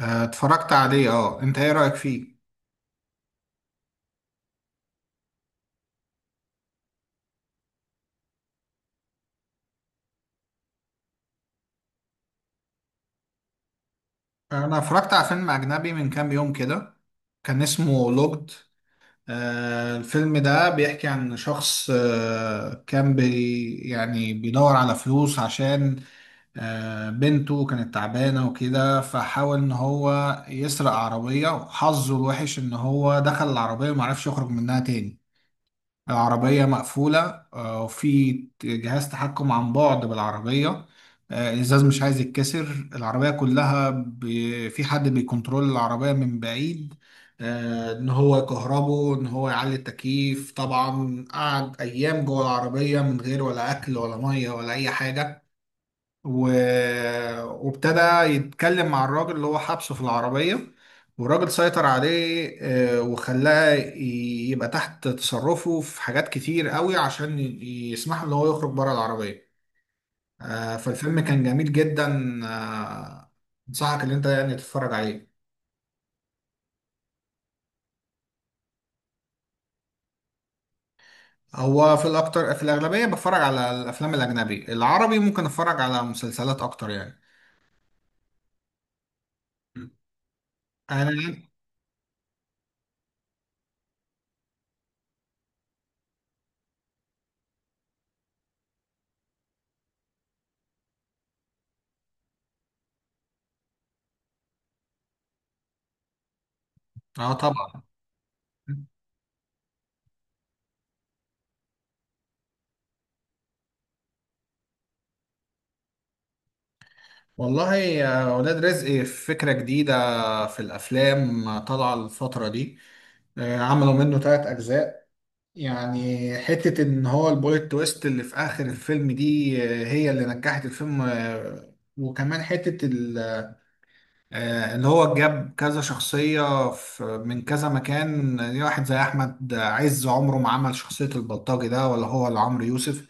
آه، اتفرجت عليه. اه انت ايه رأيك فيه؟ انا اتفرجت على فيلم اجنبي من كام يوم كده. كان اسمه لوجد. الفيلم ده بيحكي عن شخص آه كان بي يعني بيدور على فلوس عشان بنته كانت تعبانة وكده، فحاول ان هو يسرق عربية، وحظه الوحش ان هو دخل العربية ومعرفش يخرج منها تاني. العربية مقفولة، وفي جهاز تحكم عن بعد بالعربية. الإزاز مش عايز يتكسر، العربية كلها في حد بيكنترول العربية من بعيد. إن هو يكهربه، إن هو يعلي التكييف. طبعا قعد أيام جوه العربية من غير ولا أكل ولا مية ولا أي حاجة. و... وابتدى يتكلم مع الراجل اللي هو حبسه في العربية. والراجل سيطر عليه، وخلاه يبقى تحت تصرفه في حاجات كتير قوي عشان يسمح له ان هو يخرج بره العربية. فالفيلم كان جميل جدا. آه، انصحك ان انت يعني تتفرج عليه. هو في الاكتر في الاغلبية بتفرج على الافلام الاجنبي. العربي ممكن اتفرج على مسلسلات اكتر يعني. انا. اه طبعا. والله يا ولاد رزق فكرة جديدة في الافلام طالعه الفتره دي. عملوا منه ثلاث اجزاء. يعني حته ان هو البوليت تويست اللي في اخر الفيلم دي هي اللي نجحت الفيلم. وكمان حته اللي هو جاب كذا شخصيه في من كذا مكان. يعني واحد زي احمد عز عمره ما عمل شخصيه البلطجي ده، ولا هو ولا عمرو يوسف.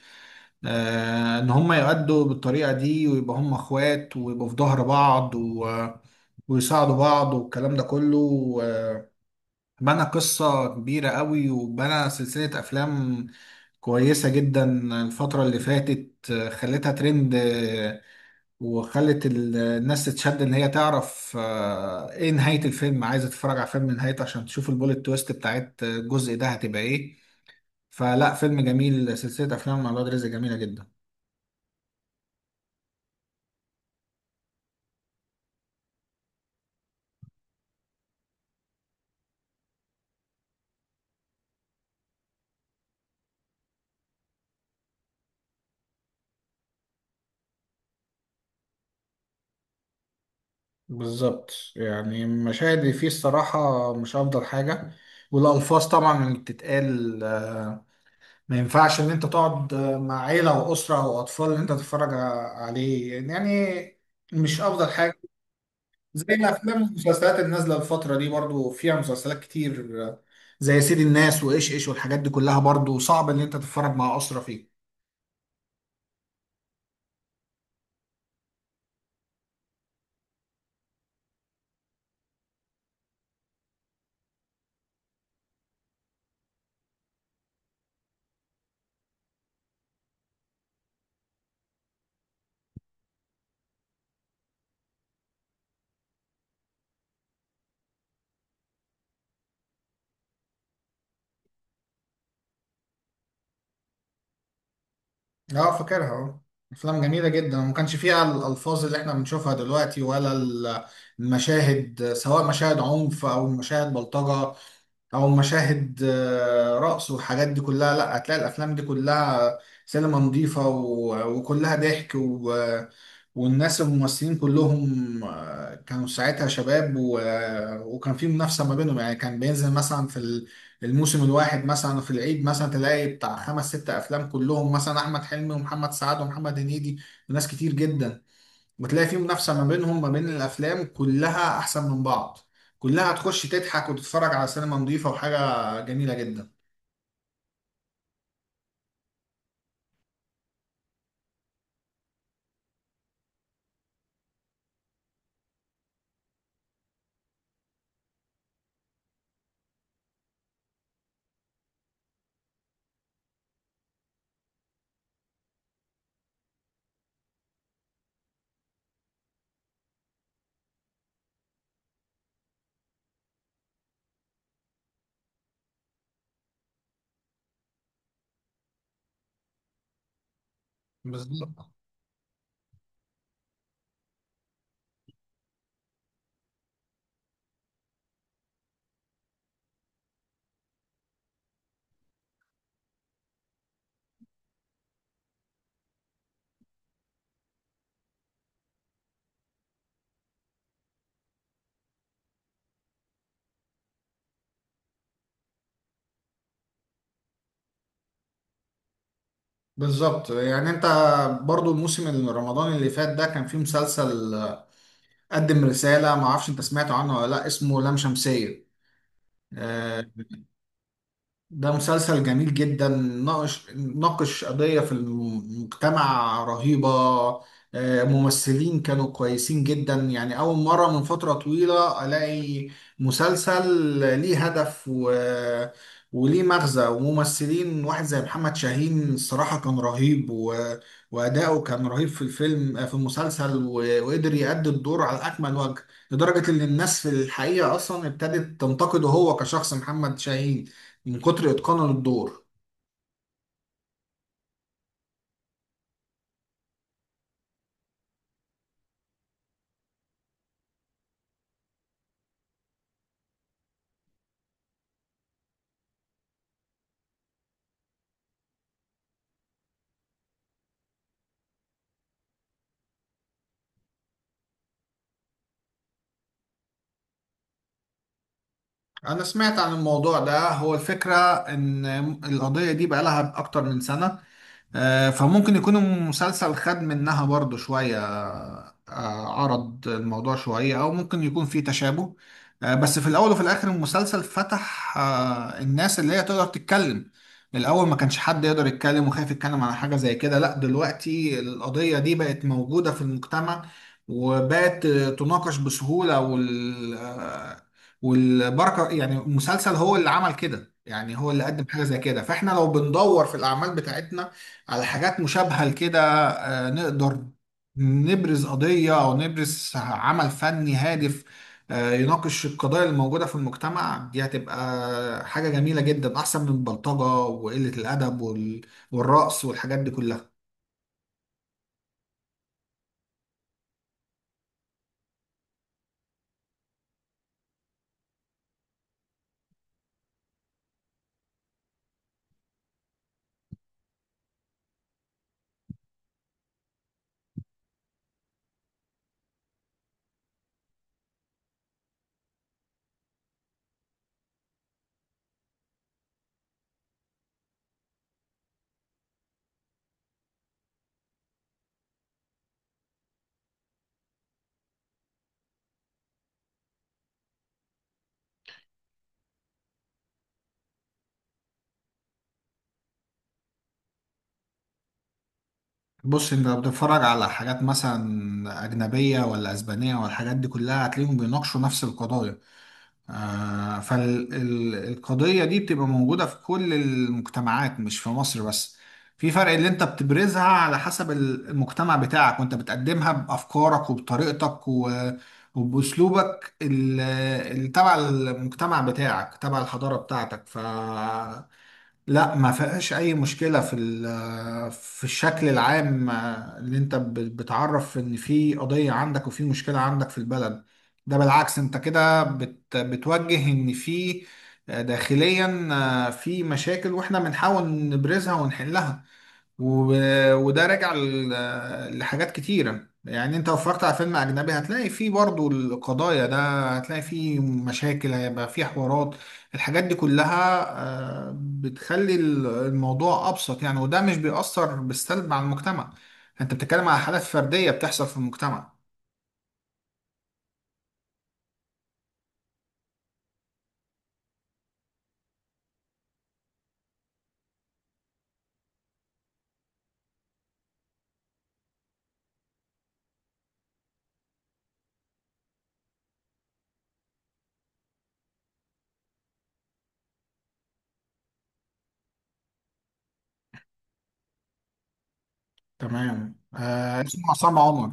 ان هم يؤدوا بالطريقه دي، ويبقى هم اخوات، ويبقوا في ظهر بعض، ويساعدوا بعض والكلام ده كله. بنى قصة كبيرة قوي، وبنى سلسلة أفلام كويسة جدا. الفترة اللي فاتت خلتها ترند. وخلت الناس تتشد إن هي تعرف إيه نهاية الفيلم. عايزة تتفرج على فيلم نهايته عشان تشوف البوليت تويست بتاعت الجزء ده هتبقى إيه. فلا، فيلم جميل. سلسلة أفلام مع الواد رزق جميلة جدا. بالظبط. يعني المشاهد اللي فيه الصراحة مش أفضل حاجة. والألفاظ طبعا اللي بتتقال. ما ينفعش ان انت تقعد مع عيلة واسرة واطفال ان انت تتفرج عليه. يعني مش افضل حاجة. زي الافلام والمسلسلات النازلة الفترة دي برضو فيها مسلسلات كتير زي سيد الناس وايش ايش والحاجات دي كلها. برضو صعب ان انت تتفرج مع اسرة فيه. اه، فاكرها. اه، افلام جميلة جدا، وما كانش فيها الالفاظ اللي احنا بنشوفها دلوقتي، ولا المشاهد، سواء مشاهد عنف او مشاهد بلطجة او مشاهد رقص والحاجات دي كلها. لا، هتلاقي الافلام دي كلها سينما نظيفه وكلها ضحك والناس الممثلين كلهم كانوا ساعتها شباب وكان في منافسه ما بينهم. يعني كان بينزل مثلا في الموسم الواحد، مثلا في العيد، مثلا تلاقي بتاع خمس ست افلام، كلهم مثلا احمد حلمي ومحمد سعد ومحمد هنيدي وناس كتير جدا. وتلاقي في منافسة ما بينهم ما بين الأفلام كلها أحسن من بعض. كلها هتخش تضحك وتتفرج على سينما نظيفة وحاجة جميلة جدا. بالظبط، بالظبط. يعني انت. برضو الموسم رمضان اللي فات ده كان فيه مسلسل قدم رسالة. ما اعرفش انت سمعت عنه ولا لا، اسمه لام شمسية. آه، ده مسلسل جميل جدا، ناقش قضية في المجتمع رهيبة. ممثلين كانوا كويسين جدا. يعني أول مرة من فترة طويلة ألاقي مسلسل ليه هدف وليه مغزى. وممثلين واحد زي محمد شاهين الصراحة كان رهيب وأداؤه كان رهيب في الفيلم، في المسلسل، وقدر يأدي الدور على أكمل وجه. لدرجة إن الناس في الحقيقة أصلا ابتدت تنتقده هو كشخص محمد شاهين من كتر إتقانه للدور. أنا سمعت عن الموضوع ده. هو الفكرة إن القضية دي بقالها أكتر من سنة. فممكن يكون المسلسل خد منها برضو شوية. عرض الموضوع شوية، أو ممكن يكون فيه تشابه. بس في الأول وفي الآخر المسلسل فتح الناس اللي هي تقدر تتكلم. الأول ما كانش حد يقدر يتكلم وخايف يتكلم على حاجة زي كده. لا، دلوقتي القضية دي بقت موجودة في المجتمع، وبقت تناقش بسهولة. والبركة يعني المسلسل هو اللي عمل كده. يعني هو اللي قدم حاجة زي كده. فاحنا لو بندور في الأعمال بتاعتنا على حاجات مشابهة لكده نقدر نبرز قضية أو نبرز عمل فني هادف يناقش القضايا الموجودة في المجتمع. دي هتبقى حاجة جميلة جدا، أحسن من البلطجة وقلة الأدب والرقص والحاجات دي كلها. بص انت لو بتتفرج على حاجات مثلا أجنبية ولا أسبانية والحاجات دي كلها، هتلاقيهم بيناقشوا نفس القضايا. فالقضية دي بتبقى موجودة في كل المجتمعات، مش في مصر بس. في فرق اللي انت بتبرزها على حسب المجتمع بتاعك، وانت بتقدمها بأفكارك وبطريقتك وبأسلوبك اللي تبع المجتمع بتاعك، تبع الحضارة بتاعتك. ف. لا، ما فيهاش اي مشكله في في الشكل العام. اللي انت بتعرف ان في قضيه عندك وفي مشكله عندك في البلد. ده بالعكس. انت كده بتوجه ان في، داخليا، في مشاكل، واحنا بنحاول نبرزها ونحلها وب... وده راجع لحاجات كتيرة. يعني انت لو اتفرجت على فيلم اجنبي هتلاقي فيه برضو القضايا ده، هتلاقي فيه مشاكل، هيبقى فيه حوارات، الحاجات دي كلها بتخلي الموضوع ابسط يعني. وده مش بيأثر بالسلب على المجتمع. انت بتتكلم على حالات فردية بتحصل في المجتمع. تمام. اسمه عصام عمر.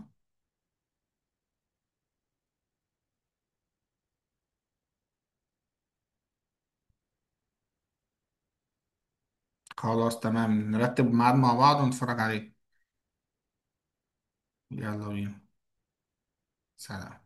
خلاص، تمام، نرتب ميعاد مع بعض ونتفرج عليه. يلا بينا. سلام.